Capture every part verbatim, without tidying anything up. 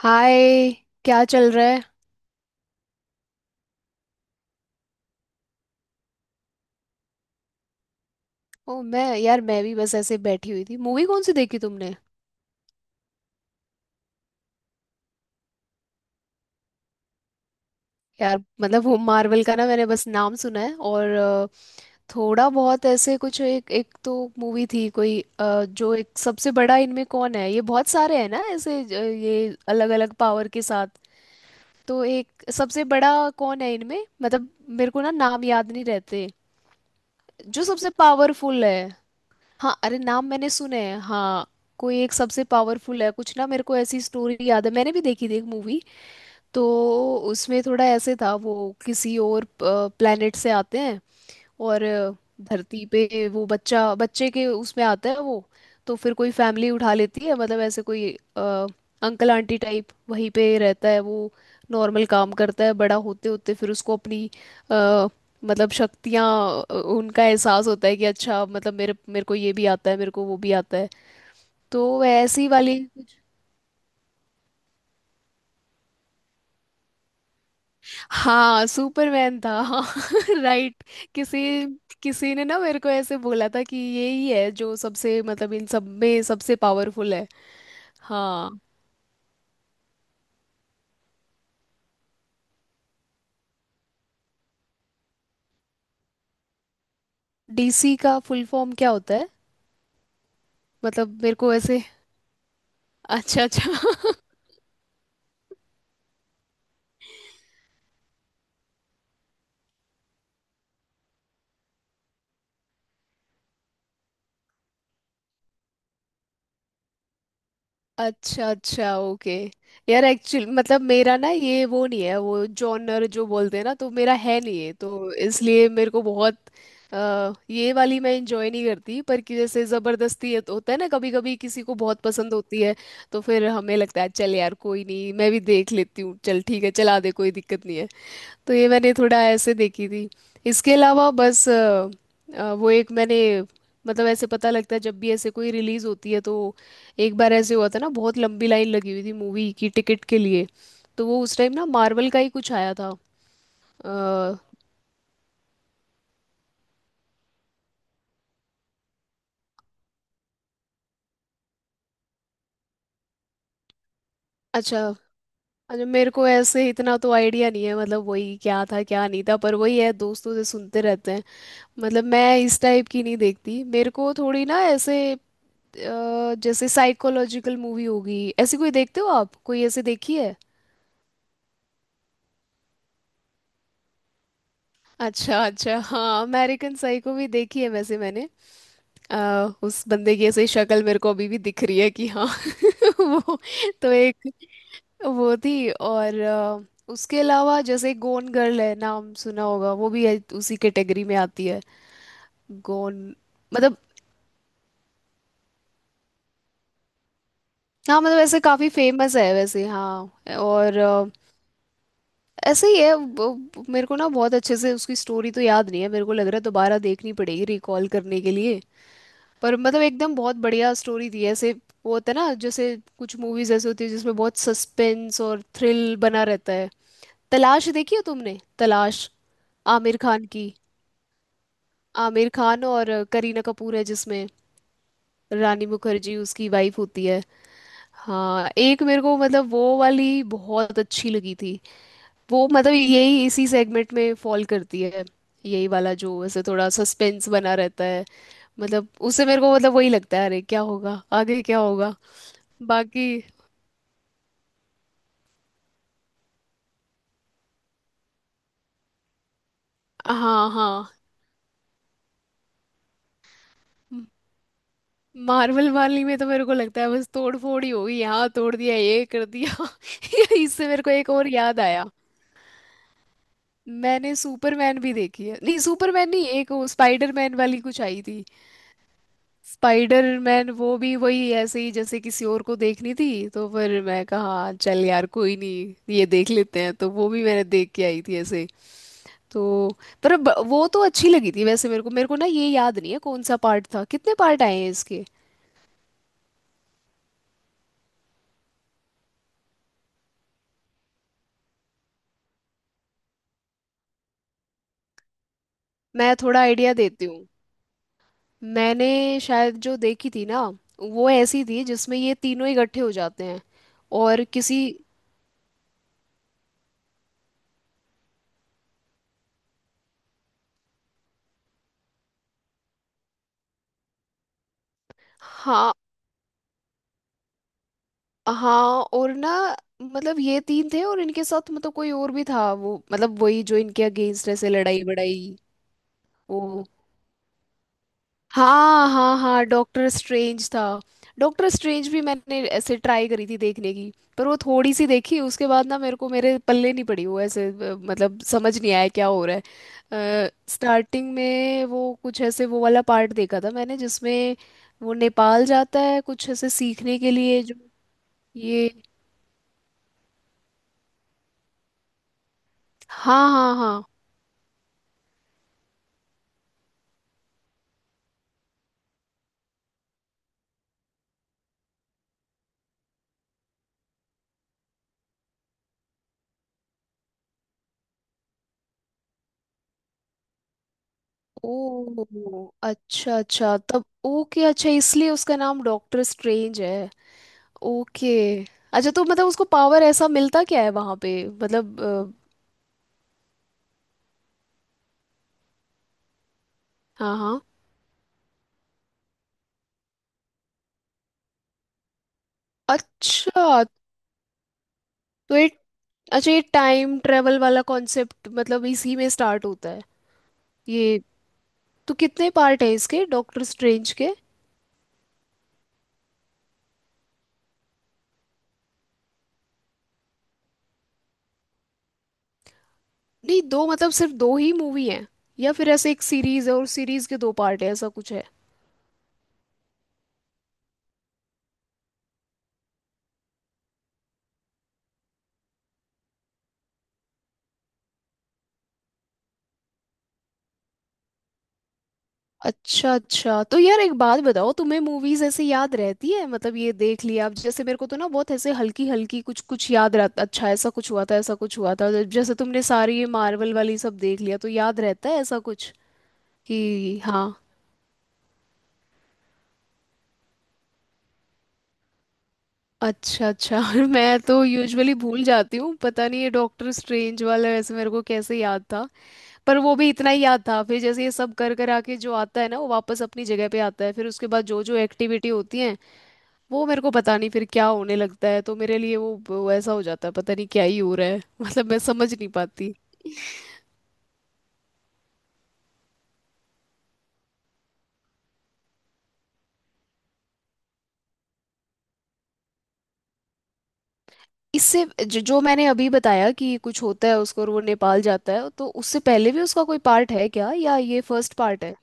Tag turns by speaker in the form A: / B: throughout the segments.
A: हाय। क्या चल रहा है। ओ मैं यार मैं भी बस ऐसे बैठी हुई थी। मूवी कौन सी देखी तुमने? यार मतलब वो मार्वल का ना, मैंने बस नाम सुना है और अ, थोड़ा बहुत ऐसे कुछ एक एक तो मूवी थी कोई, अ, जो एक सबसे बड़ा इनमें कौन है, ये बहुत सारे हैं ना ऐसे, अ, ये अलग अलग पावर के साथ। तो एक सबसे बड़ा कौन है इनमें? मतलब मेरे को ना नाम याद नहीं रहते। जो सबसे पावरफुल है। हाँ अरे, नाम मैंने सुने हैं हाँ। कोई एक सबसे पावरफुल है कुछ ना। मेरे को ऐसी स्टोरी याद है, मैंने भी देखी थी एक मूवी। तो उसमें थोड़ा ऐसे था वो किसी और प्लेनेट से आते हैं, और धरती पे वो बच्चा बच्चे के उसमें आता है वो। तो फिर कोई फैमिली उठा लेती है, मतलब ऐसे कोई अ, अंकल आंटी टाइप। वहीं पे रहता है वो, नॉर्मल काम करता है। बड़ा होते होते फिर उसको अपनी अ, मतलब शक्तियाँ, अ, उनका एहसास होता है कि अच्छा मतलब मेरे मेरे को ये भी आता है, मेरे को वो भी आता है। तो वह ऐसी वाली। हाँ सुपरमैन था हाँ। राइट। किसी किसी ने ना मेरे को ऐसे बोला था कि यही है जो सबसे मतलब इन सब में सबसे पावरफुल है। हाँ। डीसी का फुल फॉर्म क्या होता है? मतलब मेरे को ऐसे। अच्छा अच्छा। अच्छा अच्छा ओके। यार एक्चुअल मतलब मेरा ना ये वो नहीं है, वो जॉनर जो बोलते हैं ना, तो मेरा है नहीं है, तो इसलिए मेरे को बहुत अ, ये वाली मैं इंजॉय नहीं करती। पर कि जैसे ज़बरदस्ती है तो होता है ना, कभी कभी किसी को बहुत पसंद होती है, तो फिर हमें लगता है चल यार कोई नहीं, मैं भी देख लेती हूँ, चल ठीक है चला दे, कोई दिक्कत नहीं है। तो ये मैंने थोड़ा ऐसे देखी थी। इसके अलावा बस अ, अ, वो एक मैंने, मतलब ऐसे पता लगता है जब भी ऐसे कोई रिलीज होती है तो। एक बार ऐसे हुआ था ना, बहुत लंबी लाइन लगी हुई थी मूवी की टिकट के लिए। तो वो उस टाइम ना मार्वल का ही कुछ आया था अ, अच्छा अच्छा। मेरे को ऐसे इतना तो आइडिया नहीं है, मतलब वही क्या था क्या नहीं था, पर वही है, दोस्तों से सुनते रहते हैं। मतलब मैं इस टाइप की नहीं देखती, मेरे को थोड़ी ना ऐसे अ, जैसे साइकोलॉजिकल मूवी होगी ऐसी, कोई देखते हो आप? कोई ऐसे देखी है? अच्छा अच्छा, हाँ अमेरिकन साइको भी देखी है वैसे मैंने। आ, उस बंदे की ऐसे शक्ल मेरे को अभी भी दिख रही है कि हाँ वो। तो एक वो थी और अ, उसके अलावा जैसे गोन गर्ल है, नाम सुना होगा, वो भी है, उसी कैटेगरी में आती है। गोन। मतलब हाँ, मतलब ऐसे काफी फेमस है वैसे, हाँ और ऐसे ही है वो- मेरे को ना बहुत अच्छे से उसकी स्टोरी तो याद नहीं है, मेरे को लग रहा है दोबारा देखनी पड़ेगी रिकॉल करने के लिए। पर मतलब एकदम बहुत बढ़िया स्टोरी थी ऐसे। वो होता है ना जैसे कुछ मूवीज ऐसे होती है जिसमें बहुत सस्पेंस और थ्रिल बना रहता है। तलाश देखी है तुमने? तलाश, आमिर खान की। आमिर खान और करीना कपूर है जिसमें। रानी मुखर्जी उसकी वाइफ होती है। हाँ एक मेरे को मतलब वो वाली बहुत अच्छी लगी थी। वो मतलब यही इसी सेगमेंट में फॉल करती है, यही वाला जो ऐसे थोड़ा सस्पेंस बना रहता है। मतलब उससे मेरे को मतलब वही लगता है अरे क्या होगा, आगे क्या होगा। बाकी हाँ हाँ। मार्वल वाली में तो मेरे को लगता है बस तोड़ फोड़ ही होगी, यहाँ तोड़ दिया ये कर दिया। इससे मेरे को एक और याद आया। मैंने सुपरमैन भी देखी है, नहीं सुपरमैन नहीं, एक वो स्पाइडरमैन वाली कुछ आई थी। स्पाइडरमैन, वो भी वही ऐसे ही जैसे किसी और को देखनी थी तो फिर मैं कहा "हाँ, चल यार कोई नहीं ये देख लेते हैं, तो वो भी मैंने देख के आई थी ऐसे। तो पर ब- वो तो अच्छी लगी थी वैसे मेरे को। मेरे को ना ये याद नहीं है कौन सा पार्ट था, कितने पार्ट आए हैं इसके। मैं थोड़ा आइडिया देती हूँ। मैंने शायद जो देखी थी ना, वो ऐसी थी जिसमें ये तीनों इकट्ठे हो जाते हैं और किसी। हाँ हाँ। और ना मतलब ये तीन थे और इनके साथ मतलब कोई और भी था वो, मतलब वही जो इनके अगेंस्ट ऐसे लड़ाई बड़ाई। वो हाँ हाँ हाँ, डॉक्टर स्ट्रेंज था। डॉक्टर स्ट्रेंज भी मैंने ऐसे ट्राई करी थी देखने की। पर वो थोड़ी सी देखी उसके बाद ना मेरे को मेरे पल्ले नहीं पड़ी, वो ऐसे अ, मतलब समझ नहीं आया क्या हो रहा है। स्टार्टिंग में वो कुछ ऐसे वो वाला पार्ट देखा था मैंने जिसमें वो नेपाल जाता है कुछ ऐसे सीखने के लिए जो ये। हाँ हाँ हाँ। ओ अच्छा अच्छा, तब ओके, अच्छा इसलिए उसका नाम डॉक्टर स्ट्रेंज है। ओके। अच्छा तो मतलब उसको पावर ऐसा मिलता क्या है वहां पे? मतलब अ, हाँ हाँ। अच्छा तो ये अच्छा ये टाइम ट्रेवल वाला कॉन्सेप्ट मतलब इसी में स्टार्ट होता है ये? तो कितने पार्ट है इसके डॉक्टर स्ट्रेंज के? नहीं दो, मतलब सिर्फ दो ही मूवी हैं या फिर ऐसे एक सीरीज है और सीरीज के दो पार्ट है, ऐसा कुछ है? अच्छा अच्छा। तो यार एक बात बताओ, तुम्हें मूवीज ऐसे याद रहती है? मतलब ये देख लिया अब, जैसे मेरे को तो ना बहुत ऐसे हल्की हल्की कुछ कुछ याद रहता, अच्छा ऐसा कुछ हुआ था ऐसा कुछ हुआ था, तो जैसे तुमने सारी ये मार्वल वाली सब देख लिया तो याद रहता है ऐसा कुछ कि हाँ? अच्छा अच्छा। मैं तो यूजुअली भूल जाती हूँ, पता नहीं ये डॉक्टर स्ट्रेंज वाला वैसे मेरे को कैसे याद था। पर वो भी इतना ही याद था, फिर जैसे ये सब कर कर आके जो आता है ना वो वापस अपनी जगह पे आता है, फिर उसके बाद जो जो एक्टिविटी होती है वो मेरे को पता नहीं फिर क्या होने लगता है, तो मेरे लिए वो वो ऐसा हो जाता है पता नहीं क्या ही हो रहा है। मतलब मैं समझ नहीं पाती। इससे जो, जो मैंने अभी बताया कि कुछ होता है उसको और वो नेपाल जाता है, तो उससे पहले भी उसका कोई पार्ट है क्या या ये फर्स्ट पार्ट है?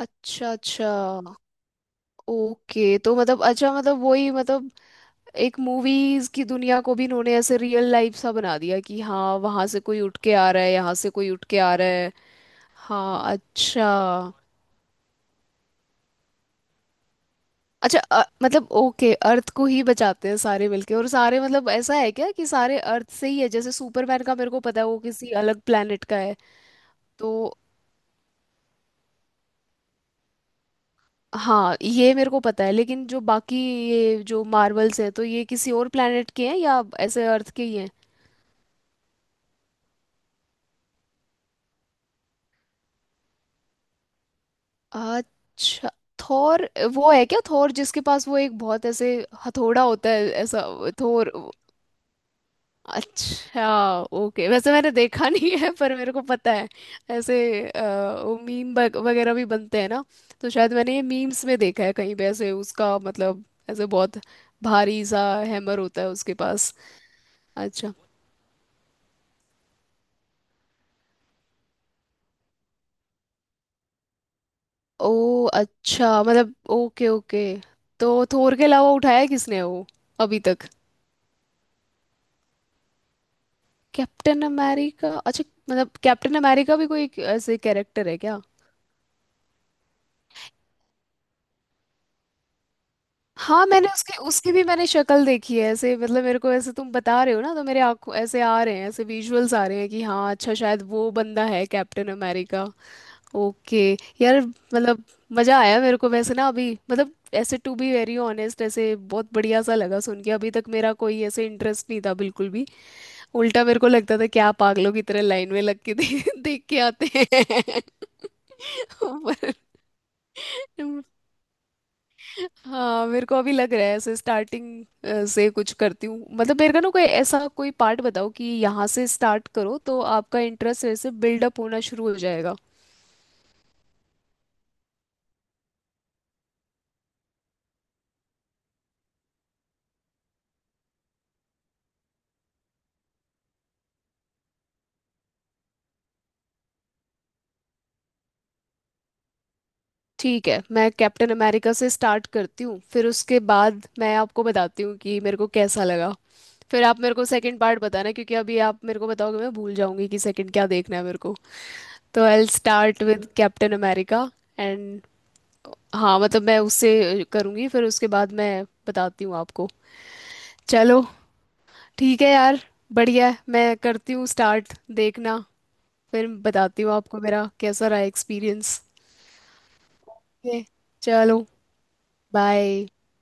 A: अच्छा अच्छा ओके। तो मतलब अच्छा मतलब वही मतलब एक मूवीज की दुनिया को भी इन्होंने ऐसे रियल लाइफ सा बना दिया कि हाँ वहां से कोई उठ के आ रहा है, यहाँ से कोई उठ के आ रहा है। हाँ अच्छा। अच्छा अ, मतलब ओके, अर्थ को ही बचाते हैं सारे मिलके, और सारे मतलब ऐसा है क्या कि सारे अर्थ से ही है? जैसे सुपरमैन का मेरे को पता है वो किसी अलग प्लेनेट का है। तो हाँ ये मेरे को पता है, लेकिन जो बाकी ये जो मार्वल्स है तो ये किसी और प्लेनेट के हैं या ऐसे अर्थ के ही हैं? अच्छा थोर। वो है क्या थोर जिसके पास वो एक बहुत ऐसे हथौड़ा होता है ऐसा? थोर। अच्छा ओके, वैसे मैंने देखा नहीं है पर मेरे को पता है ऐसे। अ, वो मीम वगैरह भी बनते हैं ना, तो शायद मैंने ये मीम्स में देखा है कहीं पे ऐसे उसका मतलब ऐसे बहुत भारी सा हैमर होता है उसके पास। अच्छा। ओ अच्छा, मतलब ओके ओके। तो थोर के अलावा उठाया है किसने वो अभी तक? कैप्टन अमेरिका, अच्छा। मतलब कैप्टन अमेरिका भी कोई एक ऐसे कैरेक्टर है क्या? हाँ मैंने उसकी उसकी भी मैंने शक्ल देखी है ऐसे, मतलब मेरे को ऐसे तुम बता रहे हो ना तो मेरे आंखों ऐसे आ रहे हैं, ऐसे विजुअल्स आ रहे हैं कि हाँ अच्छा शायद वो बंदा है कैप्टन अमेरिका। ओके। यार मतलब मजा आया मेरे को वैसे ना अभी मतलब, ऐसे टू बी वेरी ऑनेस्ट ऐसे बहुत बढ़िया सा लगा सुन के, अभी तक मेरा कोई ऐसे इंटरेस्ट नहीं था बिल्कुल भी। उल्टा मेरे को लगता था क्या पागलों की तरह लाइन में लग के दे, देख के आते हैं। पर हाँ मेरे को अभी लग रहा है ऐसे स्टार्टिंग से कुछ करती हूँ। मतलब मेरे को ना कोई ऐसा कोई पार्ट बताओ कि यहाँ से स्टार्ट करो तो आपका इंटरेस्ट ऐसे बिल्डअप होना शुरू हो जाएगा। ठीक है, मैं कैप्टन अमेरिका से स्टार्ट करती हूँ, फिर उसके बाद मैं आपको बताती हूँ कि मेरे को कैसा लगा। फिर आप मेरे को सेकंड पार्ट बताना, क्योंकि अभी आप मेरे को बताओगे मैं भूल जाऊंगी कि सेकंड क्या देखना है मेरे को। तो I start with captain America and, हाँ मतलब मैं उससे करूँगी, फिर उसके बाद मैं बताती हूँ आपको। चलो ठीक है यार, बढ़िया है, मैं करती हूँ स्टार्ट, देखना फिर बताती हूँ आपको मेरा कैसा रहा एक्सपीरियंस। ओके। चलो बाय।